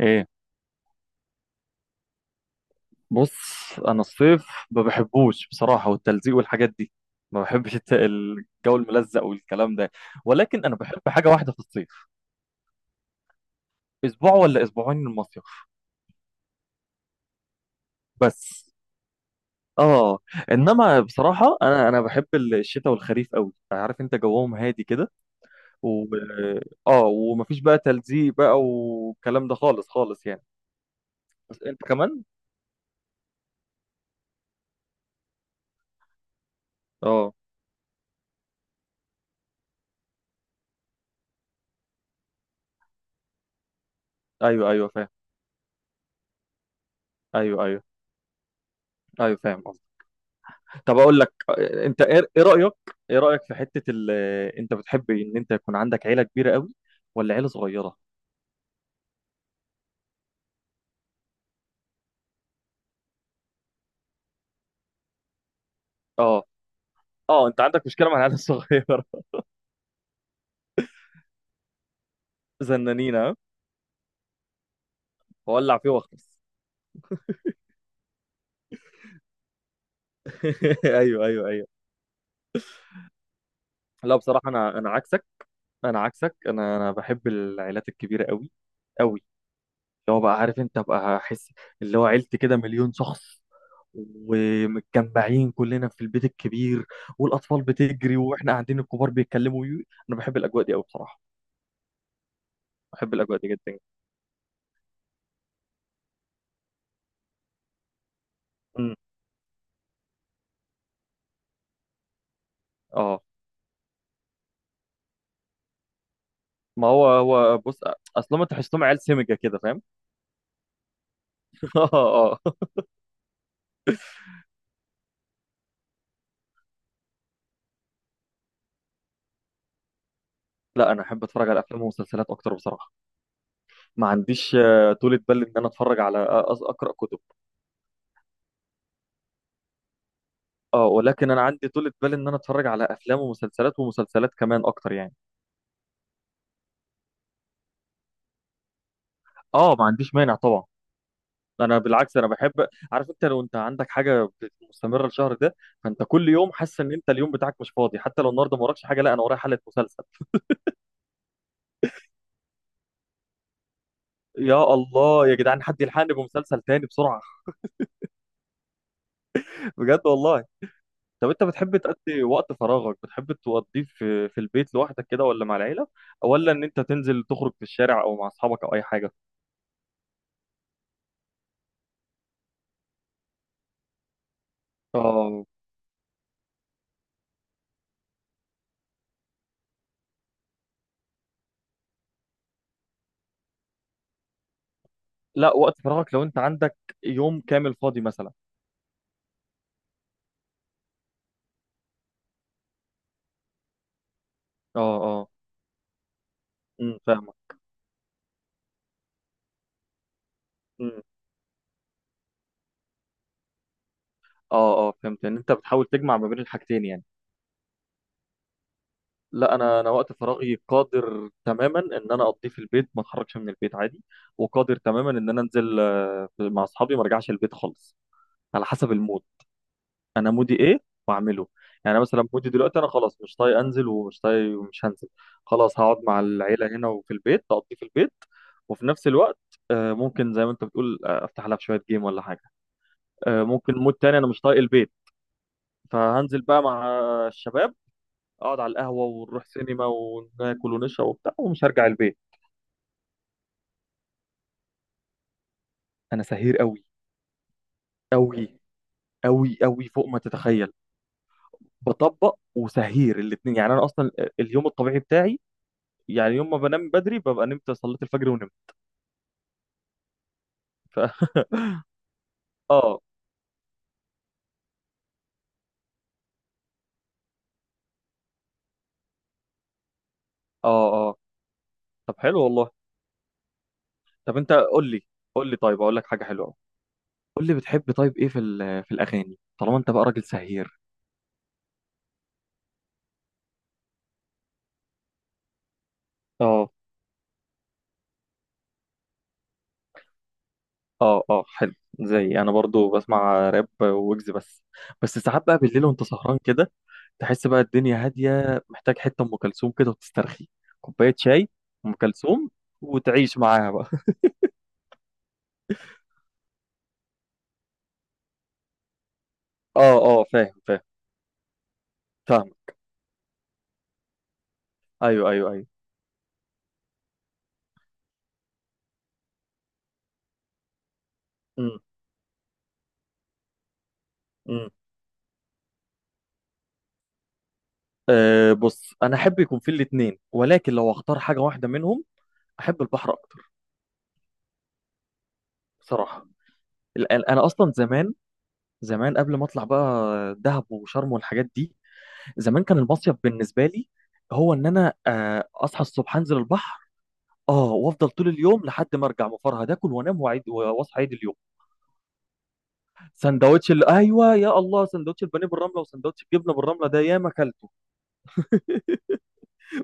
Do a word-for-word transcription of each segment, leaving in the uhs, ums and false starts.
ايه، بص. انا الصيف ما بحبوش بصراحه، والتلزيق والحاجات دي. ما بحبش الت- الجو الملزق والكلام ده. ولكن انا بحب حاجه واحده في الصيف، اسبوع ولا اسبوعين المصيف. بس. اه انما بصراحه انا انا بحب الشتاء والخريف قوي، عارف انت جوهم هادي كده. و اه ومفيش بقى تلزيق بقى والكلام ده خالص خالص يعني. بس انت كمان. اه. ايوه ايوه فاهم. ايوه ايوه ايوه فاهم. طب اقول لك، آه، انت ايه إيه رايك؟ ايه رايك في حته ال... آه، انت بتحب ان انت يكون عندك عيله كبيره قوي ولا عيله صغيره؟ اه. اه، انت عندك مشكله مع العيله الصغيره؟ زنانين ها. وولع فيه واخلص. ايوه ايوه ايوه. لا بصراحه انا انا عكسك. انا عكسك، انا انا بحب العائلات الكبيره قوي. قوي. اللي هو بقى عارف انت بقى احس. اللي هو عيلتي كده مليون شخص، ومتجمعين كلنا في البيت الكبير، والاطفال بتجري واحنا قاعدين الكبار بيتكلموا. انا بحب الاجواء دي قوي بصراحه. بحب الاجواء دي جدا. مم. اه. ما هو هو بص، اصلا انت تحسهم عيال سمجه كده فاهم. اه اه. لا انا احب اتفرج على افلام ومسلسلات اكتر بصراحه. ما عنديش آه، طولة بال ان انا اتفرج على آه، أز- اقرا كتب. اه، ولكن انا عندي طولة بال ان انا اتفرج على افلام ومسلسلات ومسلسلات كمان اكتر يعني. اه، ما عنديش مانع طبعا. انا بالعكس انا بحب. عارف انت لو انت عندك حاجه بت- مستمره الشهر ده، فانت كل يوم حاسس ان انت اليوم بتاعك مش فاضي، حتى لو النهارده ما وراكش حاجه، لا انا ورايا حلقه مسلسل. يا الله يا جدعان، حد يلحقني بمسلسل تاني بسرعة. بجد والله. طب انت بتحب تقضي وقت فراغك، بتحب تقضيه في في البيت لوحدك كده ولا مع العيلة، ولا ان انت تنزل تخرج في الشارع او مع اصحابك او اي حاجة؟ اه. لا، وقت فراغك لو انت عندك يوم كامل فاضي مثلا. اه اه. امم فاهمك. امم اه اه فهمت ان انت بتحاول تجمع ما بين الحاجتين يعني. لا انا انا وقت فراغي قادر تماما ان انا اقضيه في البيت، ما اتحركش من البيت عادي. وقادر تماما ان انا انزل آه، مع اصحابي، ما ارجعش البيت خالص. على حسب المود. انا مودي ايه واعمله. يعني أنا مثلا مودي دلوقتي انا خلاص مش طايق انزل، ومش طايق ومش هنزل. خلاص هقعد مع العيله هنا، وفي البيت اقضيه في البيت. وفي نفس الوقت آه، ممكن زي ما انت بتقول آه، افتح لها في شويه جيم ولا حاجه. آه، ممكن مود تاني انا مش طايق البيت، فهنزل بقى مع الشباب، اقعد على القهوه ونروح سينما وناكل ونشرب وبتاع ومش هرجع البيت. انا سهير قوي. قوي. قوي قوي فوق ما تتخيل. بطبق وسهير الاثنين، يعني انا اصلا آه، اليوم الطبيعي بتاعي يعني يوم ما بنام بدري ببقى نمت صليت الفجر ونمت. ف... اه اه. اه، طب حلو والله. طب انت قول لي. قول لي، طيب اقول لك حاجه حلوه أوي. قول لي بتحب، طيب ايه في ال- في الاغاني، طالما انت بقى راجل سهير؟ اه اه اه حلو. زي انا برضو بسمع راب ويجز بس. بس ساعات بقى بالليل وانت سهران كده، تحس بقى الدنيا هاديه، محتاج حته ام كلثوم كده وتسترخي. كوبايه شاي. ام كلثوم. وتعيش معاها بقى. اه اه فاهم فاهم. فاهم. ايوه ايوه ايوه. امم أه بص، انا احب يكون في الاثنين، ولكن لو اختار حاجه واحده منهم، احب البحر اكتر. بصراحه. ال- ال- انا اصلا زمان، زمان قبل ما اطلع بقى دهب وشرم والحاجات دي، زمان كان المصيف بالنسبه لي هو ان انا آه، اصحى الصبح انزل البحر. اه. وافضل طول اليوم لحد ما ارجع مفرهد، اكل وانام واعيد واصحى عيد اليوم. سندوتش ال- ايوه يا الله، سندوتش البانيه بالرمله وسندوتش الجبنه بالرمله ده ياما اكلته.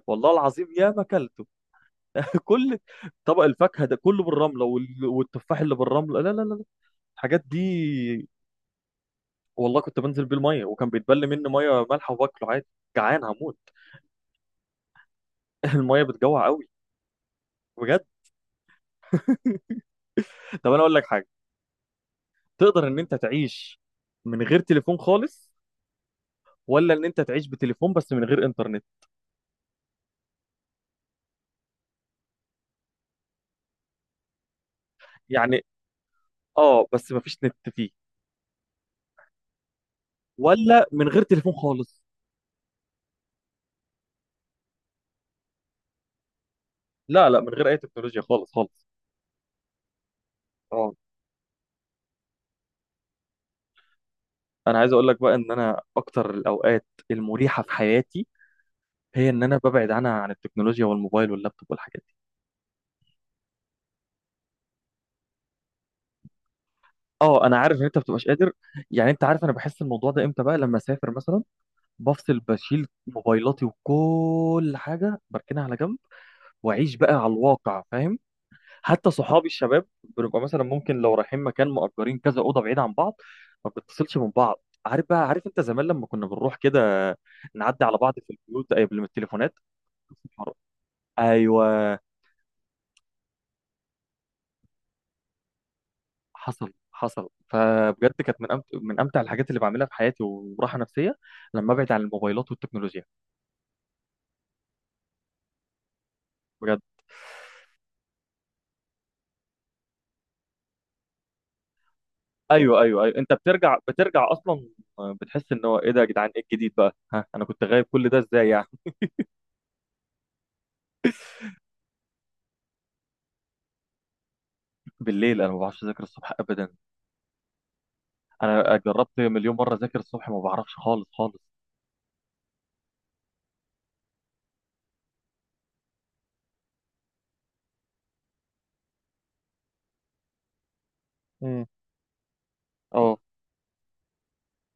والله العظيم ياما اكلته. كل طبق الفاكهه ده كله بالرمله، وال- والتفاح اللي بالرمله، لا لا لا لا. الحاجات دي. والله كنت بنزل بيه الميه وكان بيتبل مني ميه مالحه وباكله عادي. جعان هموت. الميه بتجوع قوي. بجد. طب انا اقول لك حاجه، تقدر ان انت تعيش من غير تليفون خالص، ولا ان انت تعيش بتليفون بس من غير انترنت؟ يعني اه بس ما فيش نت فيه، ولا من غير تليفون خالص. لا لا، من غير اي تكنولوجيا خالص خالص. اه. انا عايز اقول لك بقى، ان انا اكتر الاوقات المريحه في حياتي، هي ان انا ببعد عنها، عن التكنولوجيا والموبايل واللابتوب والحاجات دي. اه، انا عارف ان انت ما بتبقاش قادر. يعني انت عارف انا بحس الموضوع ده امتى بقى؟ لما اسافر مثلا، بفصل، بشيل موبايلاتي وكل حاجه بركنها على جنب، واعيش بقى على الواقع فاهم. حتى صحابي الشباب، بنبقى مثلا ممكن لو رايحين مكان مأجرين كذا اوضه بعيد عن بعض، ما بنتصلش من بعض، عارف بقى، عارف انت زمان لما كنا بنروح كده نعدي على بعض في البيوت قبل من التليفونات. ايوه. حصل حصل، فبجد كانت من أمت... من امتع الحاجات اللي بعملها في حياتي وراحه نفسيه، لما ابعد عن الموبايلات والتكنولوجيا. بجد. ايوه ايوه ايوه انت بترجع بترجع اصلا، بتحس ان هو ايه ده يا جدعان، ايه الجديد بقى ها، انا كنت غايب كل ده ازاي يعني. بالليل، انا ما بعرفش اذاكر الصبح ابدا. انا جربت مليون مره اذاكر الصبح، ما بعرفش خالص خالص. مم. اه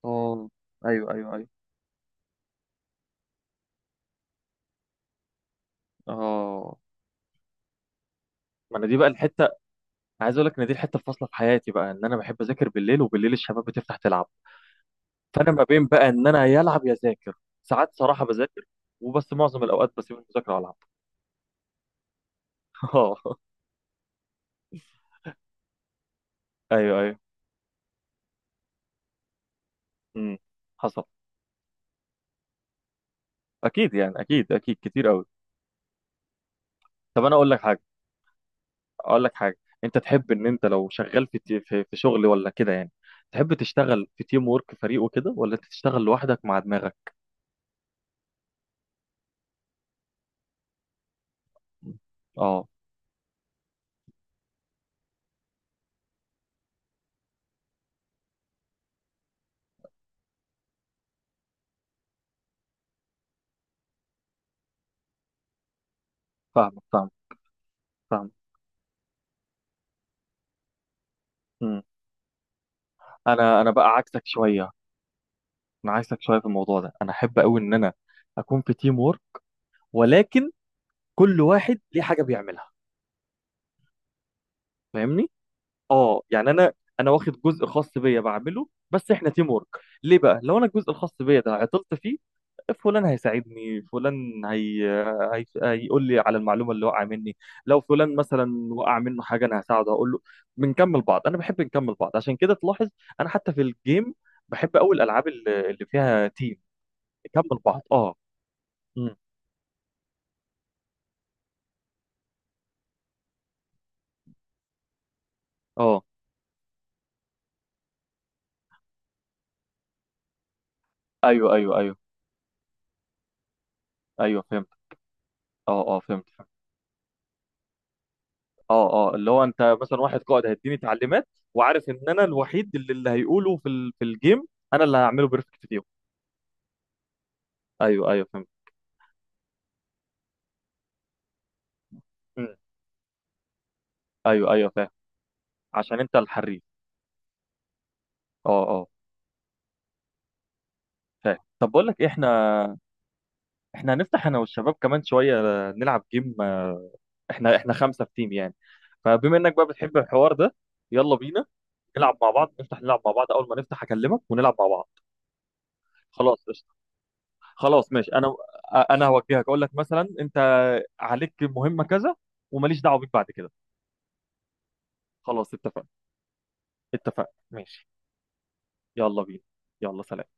اه. ايوه ايوه ايوه. اه، ما انا دي بقى الحته، عايز اقول لك ان دي الحته الفاصله في حياتي بقى، ان انا بحب اذاكر بالليل، وبالليل الشباب بتفتح تلعب، فانا ما بين بقى ان انا يا العب يا اذاكر. ساعات صراحه بذاكر، وبس معظم الاوقات بسيب المذاكره والعب. اه. ايوه ايوه. امم حصل. اكيد يعني، اكيد اكيد كتير قوي. طب انا اقول لك حاجه، اقول لك حاجه، انت تحب ان انت لو شغال في تي- في, في شغل ولا كده يعني، تحب تشتغل في تيم وورك فريق وكده ولا انت تشتغل لوحدك مع دماغك؟ اه. فاهمك فاهمك فاهمك. امم انا انا بقى عكسك شويه. انا عكسك شويه في الموضوع ده، انا احب قوي ان انا اكون في تيم وورك، ولكن كل واحد ليه حاجه بيعملها. فاهمني. اه يعني انا، انا واخد جزء خاص بيا بعمله بس احنا تيم ورك. ليه بقى؟ لو انا الجزء الخاص بيا ده عطلت فيه، فلان هيساعدني، فلان هي... هي... هيقول لي على المعلومه اللي وقع مني. لو فلان مثلا وقع منه حاجه، انا هساعده، هقول له. بنكمل بعض، انا بحب نكمل بعض، عشان كده تلاحظ انا حتى في الجيم بحب قوي الالعاب اللي اللي فيها تيم، نكمل بعض. اه. مم. اه ايوه ايوه ايوه. ايوه فهمت. اه اه فهمت. اه اه، اللي هو انت مثلا واحد قائد هيديني تعليمات، وعارف ان انا الوحيد اللي, اللي هيقوله في ال... في الجيم، انا اللي هعمله بيرفكت فيهم. ايوه ايوه فهمت. مم. ايوه ايوه فاهم، عشان انت الحريف. اه اه. فاهم. طب بقول لك إيه، احنا احنا هنفتح انا والشباب كمان شويه نلعب جيم، آه، احنا احنا خمسه في تيم يعني، فبما انك بقى بتحب الحوار ده، يلا بينا نلعب مع بعض، نفتح نلعب مع بعض، اول ما نفتح اكلمك ونلعب مع بعض. خلاص قشطه. خلاص ماشي. انا انا هوجهك، اقول لك مثلا انت عليك مهمة كذا، وماليش دعوة بيك بعد كده. خلاص اتفقنا. اتفقنا ماشي. يلا بينا. يلا سلام.